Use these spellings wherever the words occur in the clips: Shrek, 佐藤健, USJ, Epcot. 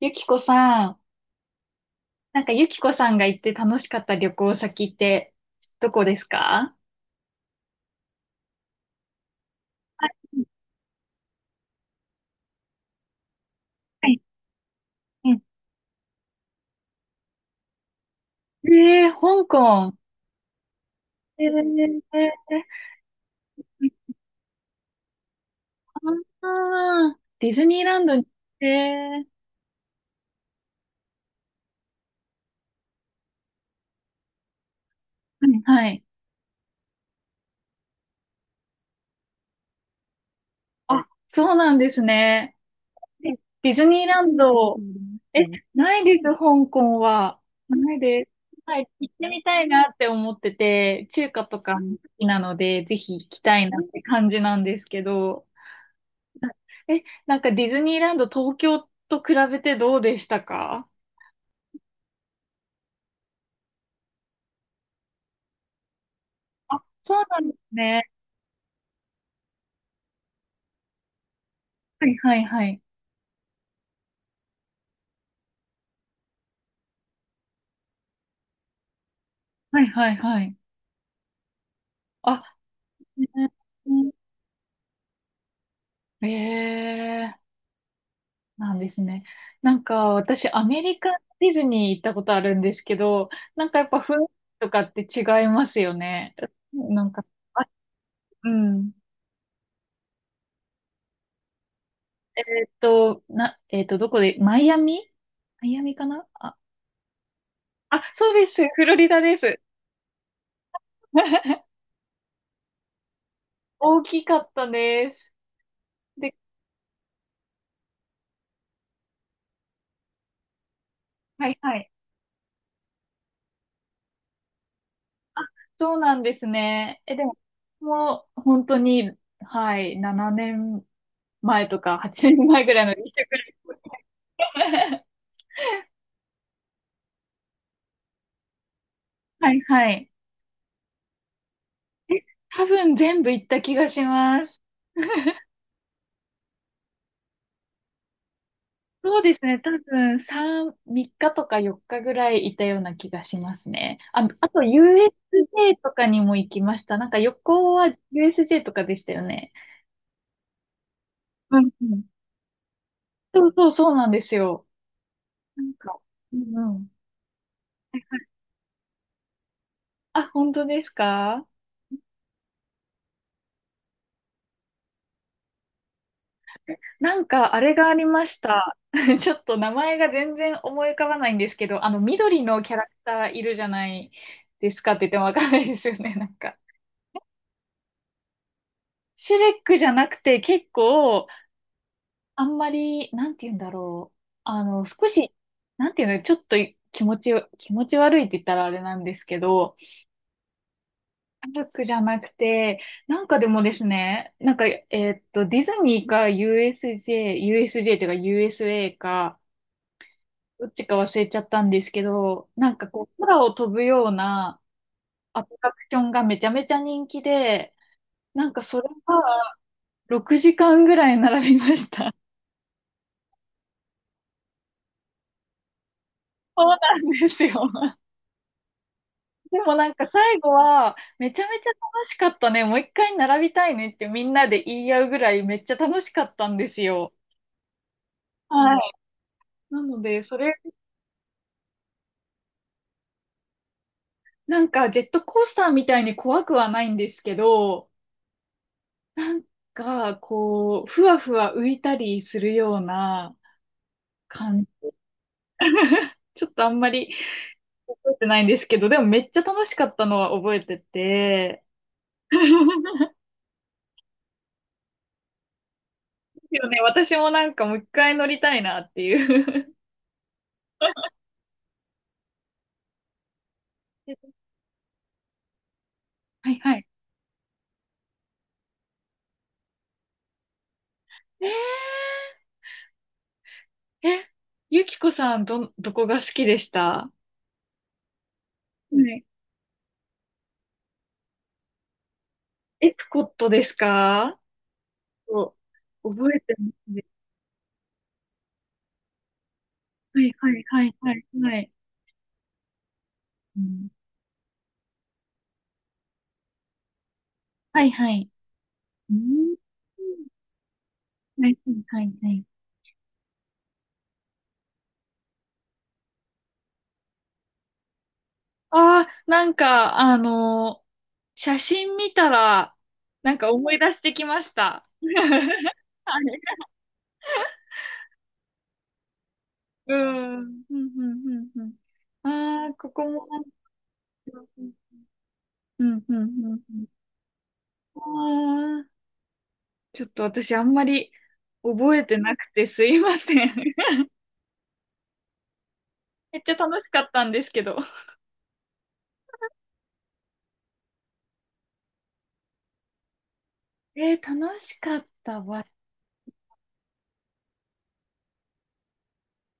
ゆきこさん、なんかゆきこさんが行って楽しかった旅行先ってどこですか？はい。うん。ええー、香港。えうん。ー、あーディズニーランドに、ええ。はいはい。あ、そうなんですね。え、ディズニーランド、え、ないです、香港は。ないです。はい、行ってみたいなって思ってて、中華とかも好きなので、ぜひ行きたいなって感じなんですけど。え、なんかディズニーランド東京と比べてどうでしたか？あ、そうなんですね。はいはいはい。はいはいはい。あ、ええー、なんですね。なんか私アメリカディズニー行ったことあるんですけど、なんかやっぱ雰囲気とかって違いますよね。なんか、あ、うん。どこで、マイアミマイアミかなあ、あ、そうです。フロリダです。大きかったです。で、はいはい。あ、そうなんですね。え、でも、もう本当に、はい、7年前とか8年前ぐらいの離職くらい はいはい。多分全部行った気がします。そうですね。多分3、3日とか4日ぐらいいたような気がしますね。あ、あと USJ とかにも行きました。なんか横は USJ とかでしたよね。うんうん。そうそう、そうなんですよ。なんか、うんうん。あ、本当ですか？なんか、あれがありました。ちょっと名前が全然思い浮かばないんですけど、あの、緑のキャラクターいるじゃないですかって言ってもわかんないですよね、なんか。シュレックじゃなくて、結構、あんまり、なんて言うんだろう。あの、少し、なんていうの、ちょっと気持ち悪いって言ったらあれなんですけど、シュレックじゃなくて、なんかでもですね、なんか、ディズニーか USJ、USJ っていうか USA か、どっちか忘れちゃったんですけど、なんかこう、空を飛ぶようなアトラクションがめちゃめちゃ人気で、なんかそれが6時間ぐらい並びました。そうなんですよ。でもなんか最後は、めちゃめちゃ楽しかったね。もう一回並びたいねってみんなで言い合うぐらいめっちゃ楽しかったんですよ。はい。なので、それ、なんかジェットコースターみたいに怖くはないんですけど、が、こう、ふわふわ浮いたりするような感じ、ちょっとあんまり覚えてないんですけど、でもめっちゃ楽しかったのは覚えてて、ですよね、私もなんかもう一回乗りたいなっていう はいはい。ええ、ゆきこさん、どこが好きでしたはい。エプコットですか？そう覚えてますね。はいはいはいはいはい。うん、はいはい。うん。はいはいはいはい。ああ、なんか、あの写真見たら、なんか思い出してきました。はい。うん。うん、うん、うん、うん。ああ、ここもなんか、うん、うん、うんうん。ああ、ちょっと私あんまり覚えてなくてすいません。めっちゃ楽しかったんですけど。楽しかったわ。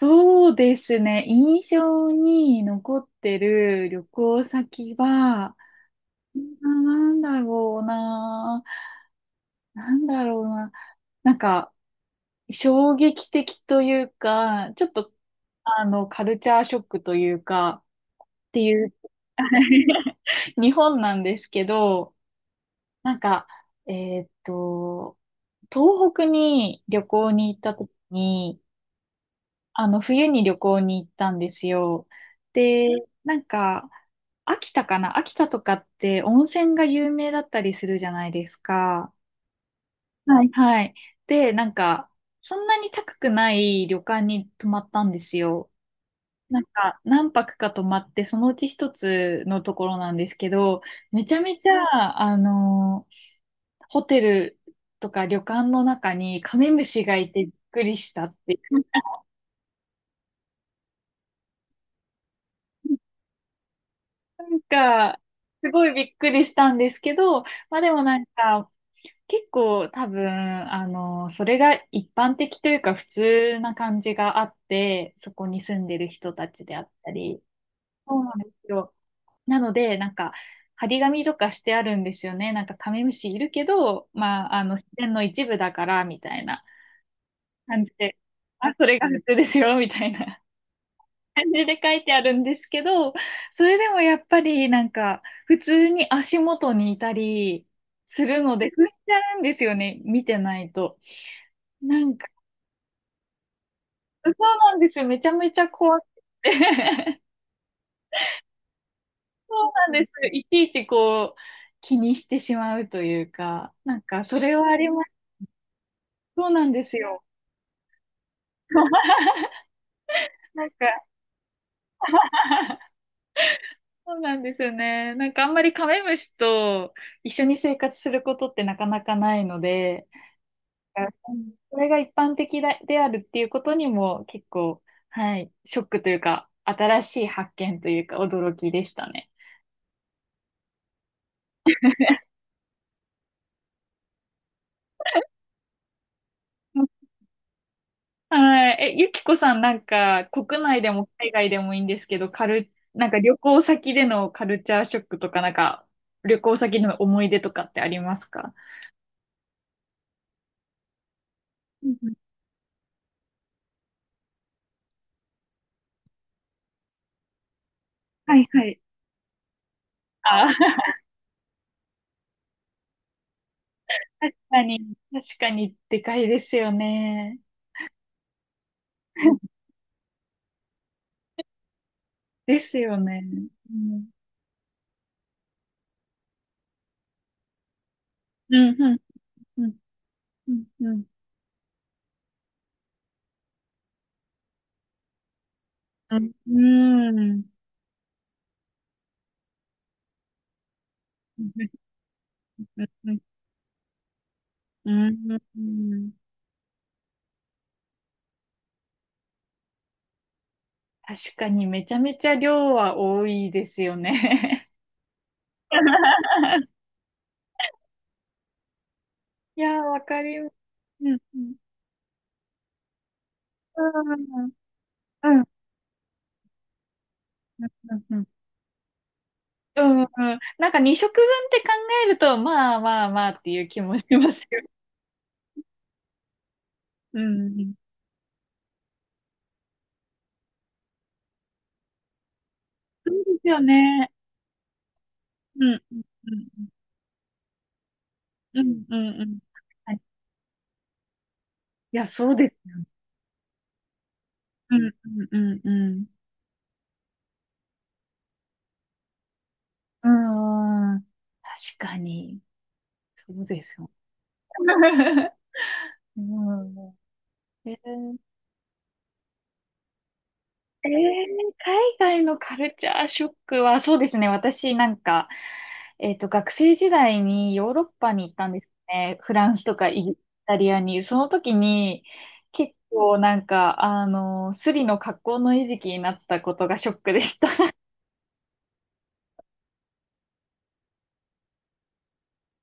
そうですね。印象に残ってる旅行先は、うん、なんだろうな。なんだろうな。なんか、衝撃的というか、ちょっと、あの、カルチャーショックというか、っていう日本なんですけど、なんか、えーっと、東北に旅行に行った時に、あの、冬に旅行に行ったんですよ。で、なんか、秋田かな、秋田とかって温泉が有名だったりするじゃないですか。はいはい。で、なんか、そんなに高くない旅館に泊まったんですよ。なんか何泊か泊まって、そのうち一つのところなんですけど、めちゃめちゃ、あの、ホテルとか旅館の中にカメムシがいてびっくりしたっていう。なんか、すごいびっくりしたんですけど、まあでもなんか、結構多分、あの、それが一般的というか普通な感じがあって、そこに住んでる人たちであったり。そうなんですよ。なので、なんか、張り紙とかしてあるんですよね。なんか、カメムシいるけど、まあ、あの、自然の一部だから、みたいな感じで、あ、それが普通ですよ、みたいな感じで書いてあるんですけど、それでもやっぱり、なんか、普通に足元にいたりするので、踏んじゃうんですよね、見てないと。なんか、そうなんですよ。めちゃめちゃ怖くて。そうなんです。いちいちこう、気にしてしまうというか、なんか、それはあります。そうなんですよ。なんか、そうなんですよね。なんかあんまりカメムシと一緒に生活することってなかなかないので、うん、それが一般的だであるっていうことにも結構、はい、ショックというか、新しい発見というか驚きでしたね。うん、はい。え、ゆきこさん、なんか国内でも海外でもいいんですけど、なんか旅行先でのカルチャーショックとか、なんか旅行先での思い出とかってありますか？うんうん、はいはい。あー、確かに、確かにでかいですよね。ですよね。うん。うん、うん、うん、うん、うん。うん、うん、うん、うん。確かにめちゃめちゃ量は多いですよね。いやー、わかります。うん、うん、うん、うん、うん、うん、うん。なんか2食分って考えると、まあまあまあっていう気もしますよ。うん。そうですよね。うん、うん、うん。うんうんうん。はい、いや、そうです。うんうんうんうん。うんん。確かに。そうですよ。うん。えーえー海外のカルチャーショックは、そうですね。私なんか、学生時代にヨーロッパに行ったんですね。フランスとかイタリアに。その時に、結構なんか、あの、スリの格好の餌食になったことがショックでした。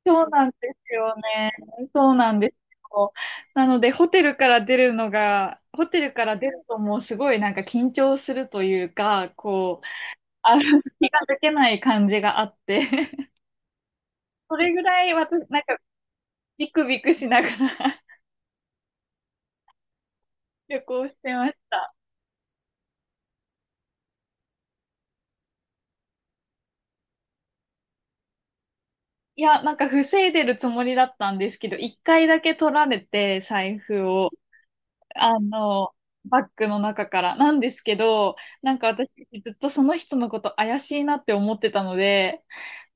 そうなんですよね。そうなんですよ。なので、ホテルから出るのが、ホテルから出るともうすごいなんか緊張するというか、こう、あの、気が抜けない感じがあって、それぐらい私、なんかビクビクしながら 旅行してました。いや、なんか防いでるつもりだったんですけど、一回だけ取られて、財布を。あの、バッグの中から。なんですけど、なんか私ずっとその人のこと怪しいなって思ってたので、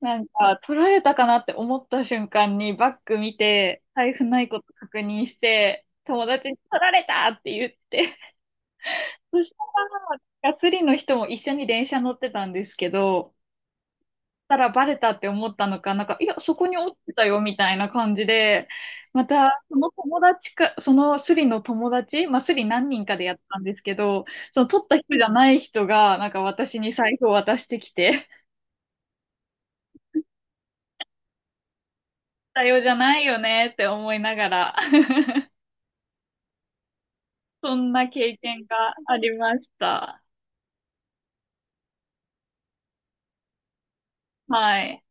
なんか取られたかなって思った瞬間にバッグ見て、財布ないこと確認して、友達に取られたって言って、そしたら、ガスリの人も一緒に電車乗ってたんですけど、たらバレたって思ったのか、なんか、いや、そこに落ちてたよ、みたいな感じで、また、その友達か、そのスリの友達、まあ、スリ何人かでやったんですけど、その取った人じゃない人が、なんか私に財布を渡してきて、だよじゃないよねって思いながら、そんな経験がありました。はい。